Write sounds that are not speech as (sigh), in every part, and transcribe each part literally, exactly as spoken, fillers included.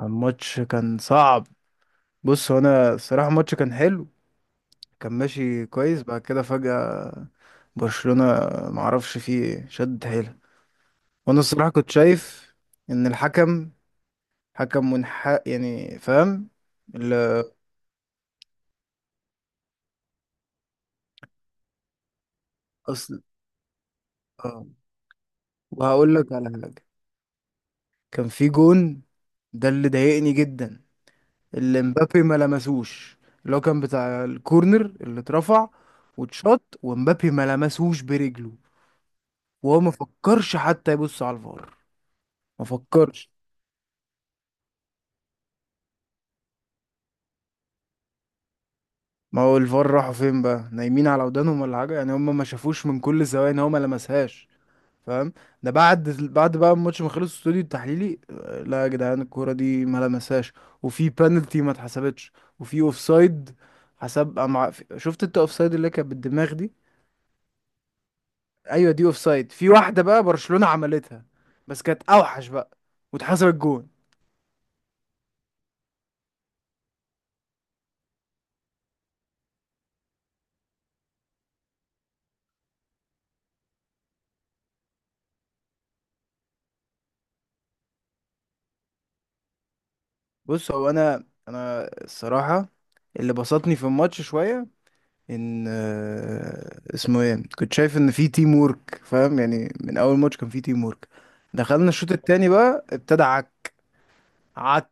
الماتش كان صعب. بص هو انا الصراحه الماتش كان حلو. كان ماشي كويس بعد كده فجأة برشلونة معرفش فيه ايه شد حيلها. وانا الصراحه كنت شايف ان الحكم حكم منحاز، يعني فاهم. اللي اصل اه، وهقول لك على حاجه. كان في جون ده اللي ضايقني جدا، اللي مبابي ما لمسوش، اللي هو كان بتاع الكورنر اللي اترفع واتشاط، ومبابي ما لمسوش برجله. وهو ما فكرش حتى يبص على الفار، ما فكرش. ما هو الفار راحوا فين بقى؟ نايمين على ودانهم ولا حاجه، يعني هم ما شافوش من كل الزوايا ان هو ما لمسهاش، فاهم. ده بعد بعد بقى الماتش ما خلص الاستوديو التحليلي آه، لا يا جدعان الكوره دي ما لمسهاش. وفي بانالتي ما اتحسبتش، وفي اوفسايد حسب أمع... شفت انت اوفسايد اللي كانت بالدماغ دي؟ ايوه دي اوفسايد. في واحده بقى برشلونه عملتها بس كانت اوحش بقى واتحسبت جون. بص هو انا انا الصراحه اللي بسطني في الماتش شويه ان آه، اسمه ايه كنت شايف ان في تيم ورك، فاهم. يعني من اول ماتش كان في تيم ورك. دخلنا الشوط التاني بقى ابتدى عك عك،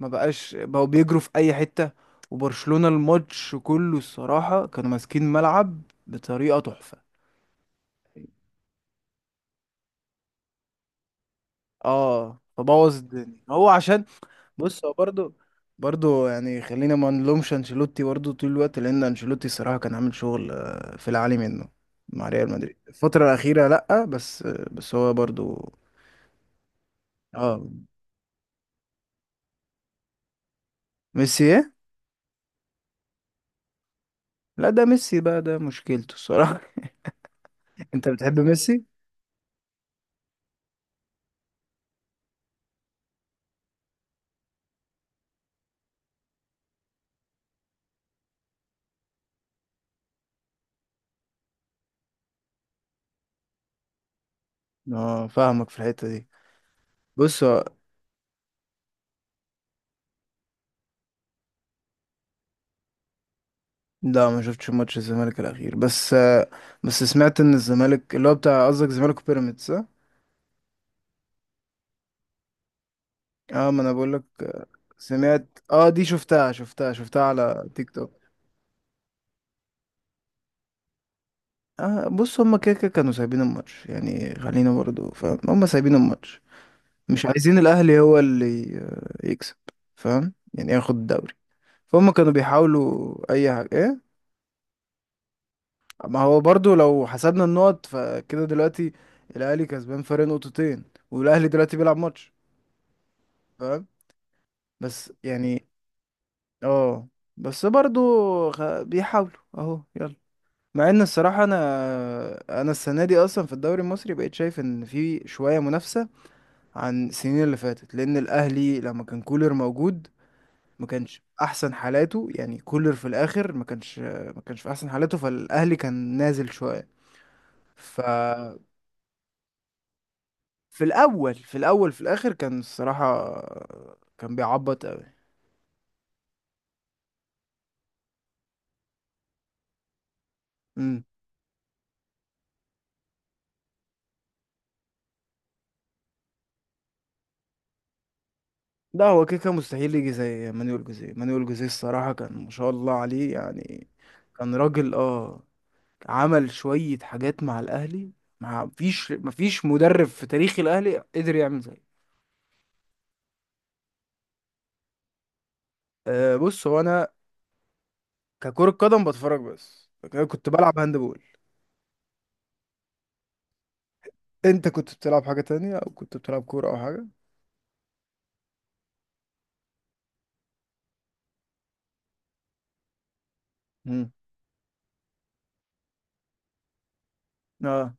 ما بقاش بقوا بيجروا في اي حتة. وبرشلونة الماتش كله الصراحة كانوا ماسكين ملعب بطريقة تحفة. اه، فبوظ الدنيا هو عشان بص هو برضه برضه يعني خلينا ما نلومش انشيلوتي برضه طول الوقت، لان انشيلوتي الصراحه كان عامل شغل آه، في العالي منه مع ريال مدريد الفتره الاخيره. لا بس آه، بس هو برضه. اه، ميسي ايه. لا، ده ميسي بقى ده مشكلته الصراحه. (laughs) انت بتحب ميسي. اه، فاهمك في الحته دي. بص هو- لا، ما شفتش ماتش الزمالك الاخير بس آه، بس سمعت ان الزمالك اللي هو بتاع قصدك زمالك وبيراميدز، اه. آه، ما انا بقول لك آه، سمعت، اه، دي شفتها شفتها شفتها على تيك توك. آه، بص هما كده كده كانوا سايبين الماتش. يعني خلينا برضو، فاهم، هما سايبين الماتش، مش عايزين الأهلي هو اللي آه، يكسب. فاهم، يعني ياخد الدوري. فهم كانوا بيحاولوا أي حاجة إيه. ما هو برضو لو حسبنا النقط فكده دلوقتي الأهلي كسبان فرق نقطتين، والأهلي دلوقتي بيلعب ماتش، فاهم، بس يعني. اه، بس برضو خ... بيحاولوا أهو، يلا. مع ان الصراحة انا انا السنة دي اصلا في الدوري المصري بقيت شايف ان في شوية منافسة عن السنين اللي فاتت، لان الاهلي لما كان كولر موجود ما كانش احسن حالاته. يعني كولر في الاخر ما كانش ما كانش في احسن حالاته، فالاهلي كان نازل شويه. ف في الاول في الاول في الاخر كان الصراحه كان بيعبط قوي. امم. لا، هو كده كان مستحيل يجي زي مانويل جوزيه. مانويل جوزيه الصراحه كان ما شاء الله عليه، يعني كان راجل اه، عمل شويه حاجات مع الاهلي. ما فيش ما فيش مدرب في تاريخ الاهلي قدر يعمل زيه. أه، بص هو انا ككرة قدم بتفرج بس، لكن انا كنت بلعب هاندبول. انت كنت بتلعب حاجة تانية او كنت بتلعب كورة او حاجة؟ مم. اه،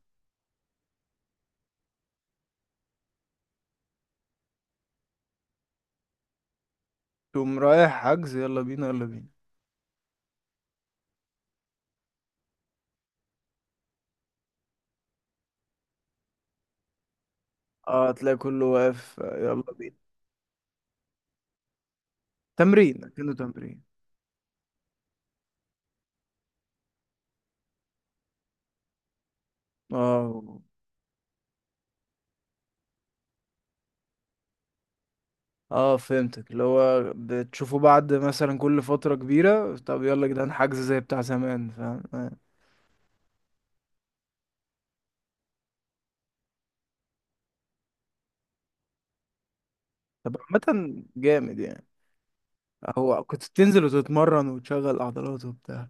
تقوم رايح حجز، يلا بينا يلا بينا. اه، تلاقي كله واقف آه، يلا بينا. تمرين، كأنه تمرين. اه. اه، فهمتك، اللي هو بتشوفه بعد مثلا كل فترة كبيرة طب يلا يا جدعان حجز زي بتاع زمان، فاهم آه. طب عامة جامد يعني. هو كنت بتنزل وتتمرن وتشغل عضلات وبتاع؟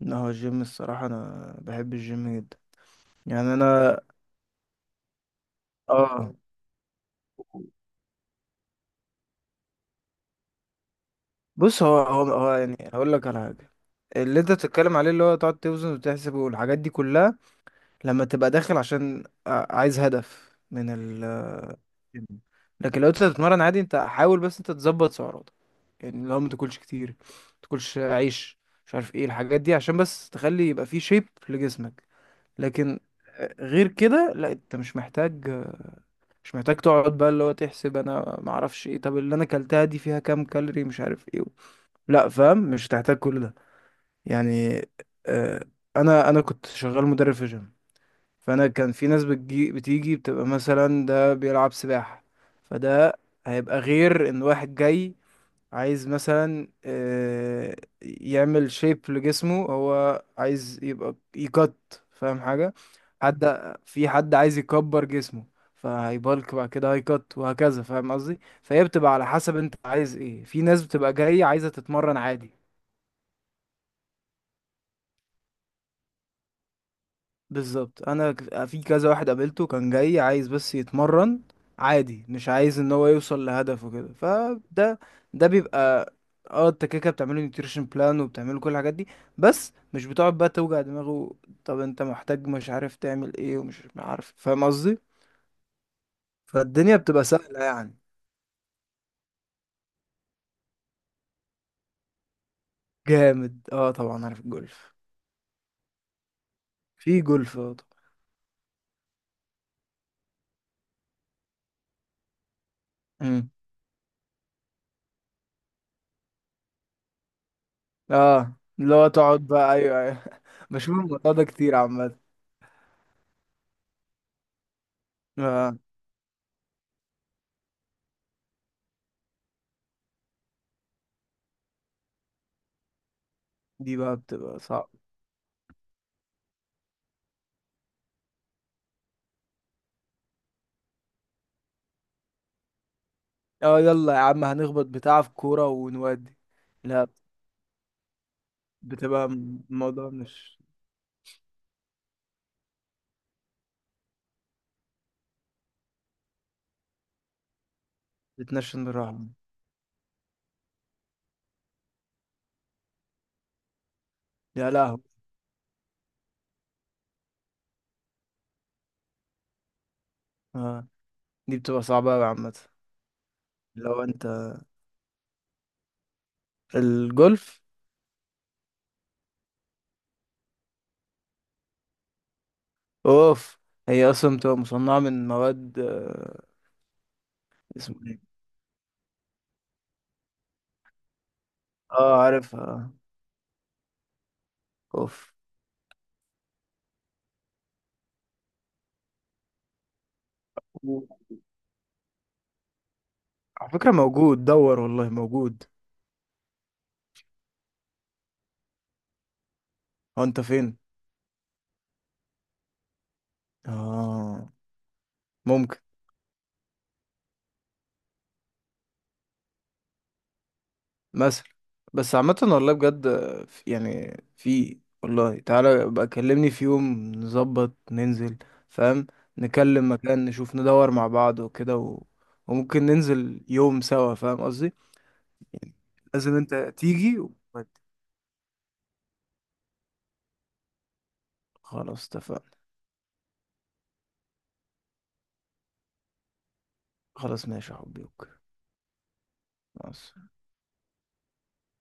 لا، هو الجيم الصراحة أنا بحب الجيم جدا، يعني أنا. اه، بص هو هو, هو يعني هقول لك على حاجة. اللي أنت بتتكلم عليه، اللي هو تقعد توزن وتحسب والحاجات دي كلها، لما تبقى داخل عشان ع- عايز هدف من ال الجيم. لكن لو أنت بتتمرن عادي، أنت حاول بس أنت تظبط سعراتك. يعني لو ما تاكلش كتير، ما تاكلش عيش، مش عارف ايه الحاجات دي، عشان بس تخلي يبقى فيه شيب لجسمك. لكن آه، غير كده لا، انت مش محتاج مش محتاج تقعد بقى اللي هو تحسب انا ما اعرفش ايه، طب اللي انا كلتها دي فيها كام كالوري، مش عارف ايه. لا، فاهم، مش هتحتاج كل ده يعني. آه انا انا كنت شغال مدرب في جيم. فانا كان في ناس بتجي بتيجي بتبقى مثلا ده بيلعب سباحة، فده هيبقى غير ان واحد جاي عايز مثلا آه، يعمل شيب لجسمه، هو عايز يبقى يقط، فاهم حاجة. حد في حد عايز يكبر جسمه، فهيبالك بعد كده هيكت وهكذا، فاهم قصدي. فهي بتبقى على حسب انت عايز ايه. في ناس بتبقى جاية عايزة تتمرن عادي. بالظبط، انا ك- في كذا واحد قابلته كان جاي عايز بس يتمرن عادي، مش عايز ان هو يوصل لهدفه كده. فده ده بيبقى اه، انت كده كده بتعمله نيوتريشن بلان وبتعمله كل الحاجات دي، بس مش بتقعد بقى توجع دماغه، طب انت محتاج مش عارف تعمل ايه، ومش عارف، فاهم قصدي. فالدنيا بتبقى سهلة يعني. جامد، اه، طبعا عارف الجولف. في جولف، اه، طبعا. مم. اه، اللي هو تقعد بقى، ايوه ايوه، (laughs) بشوف الموضوع ده كتير عامة. اه دي بقى بتبقى صعبة. اه، يلا يا عم هنخبط بتاع في كورة ونودي. لا، بتبقى م- الموضوع مش بتنشن بالراحة. يا لهوي. اه، دي بتبقى صعبة أوي عامة. لو انت الجولف. اوف. هي اصلا بتبقى مصنعة من مواد آه، اسمه ايه اه، عارفها آه. اوف. و- على فكرة، موجود، دور والله موجود. هو انت فين؟ اه، ممكن مثلا. بس عامة والله بجد في- يعني في والله، تعالى بقى كلمني في يوم نظبط ننزل، فاهم. نكلم مكان نشوف ندور مع بعض وكده و... وممكن ننزل يوم سوا، فاهم قصدي، يعني لازم انت تيجي و... خلاص، اتفقنا. خلاص ماشي يا حبيبي، أوكي. مع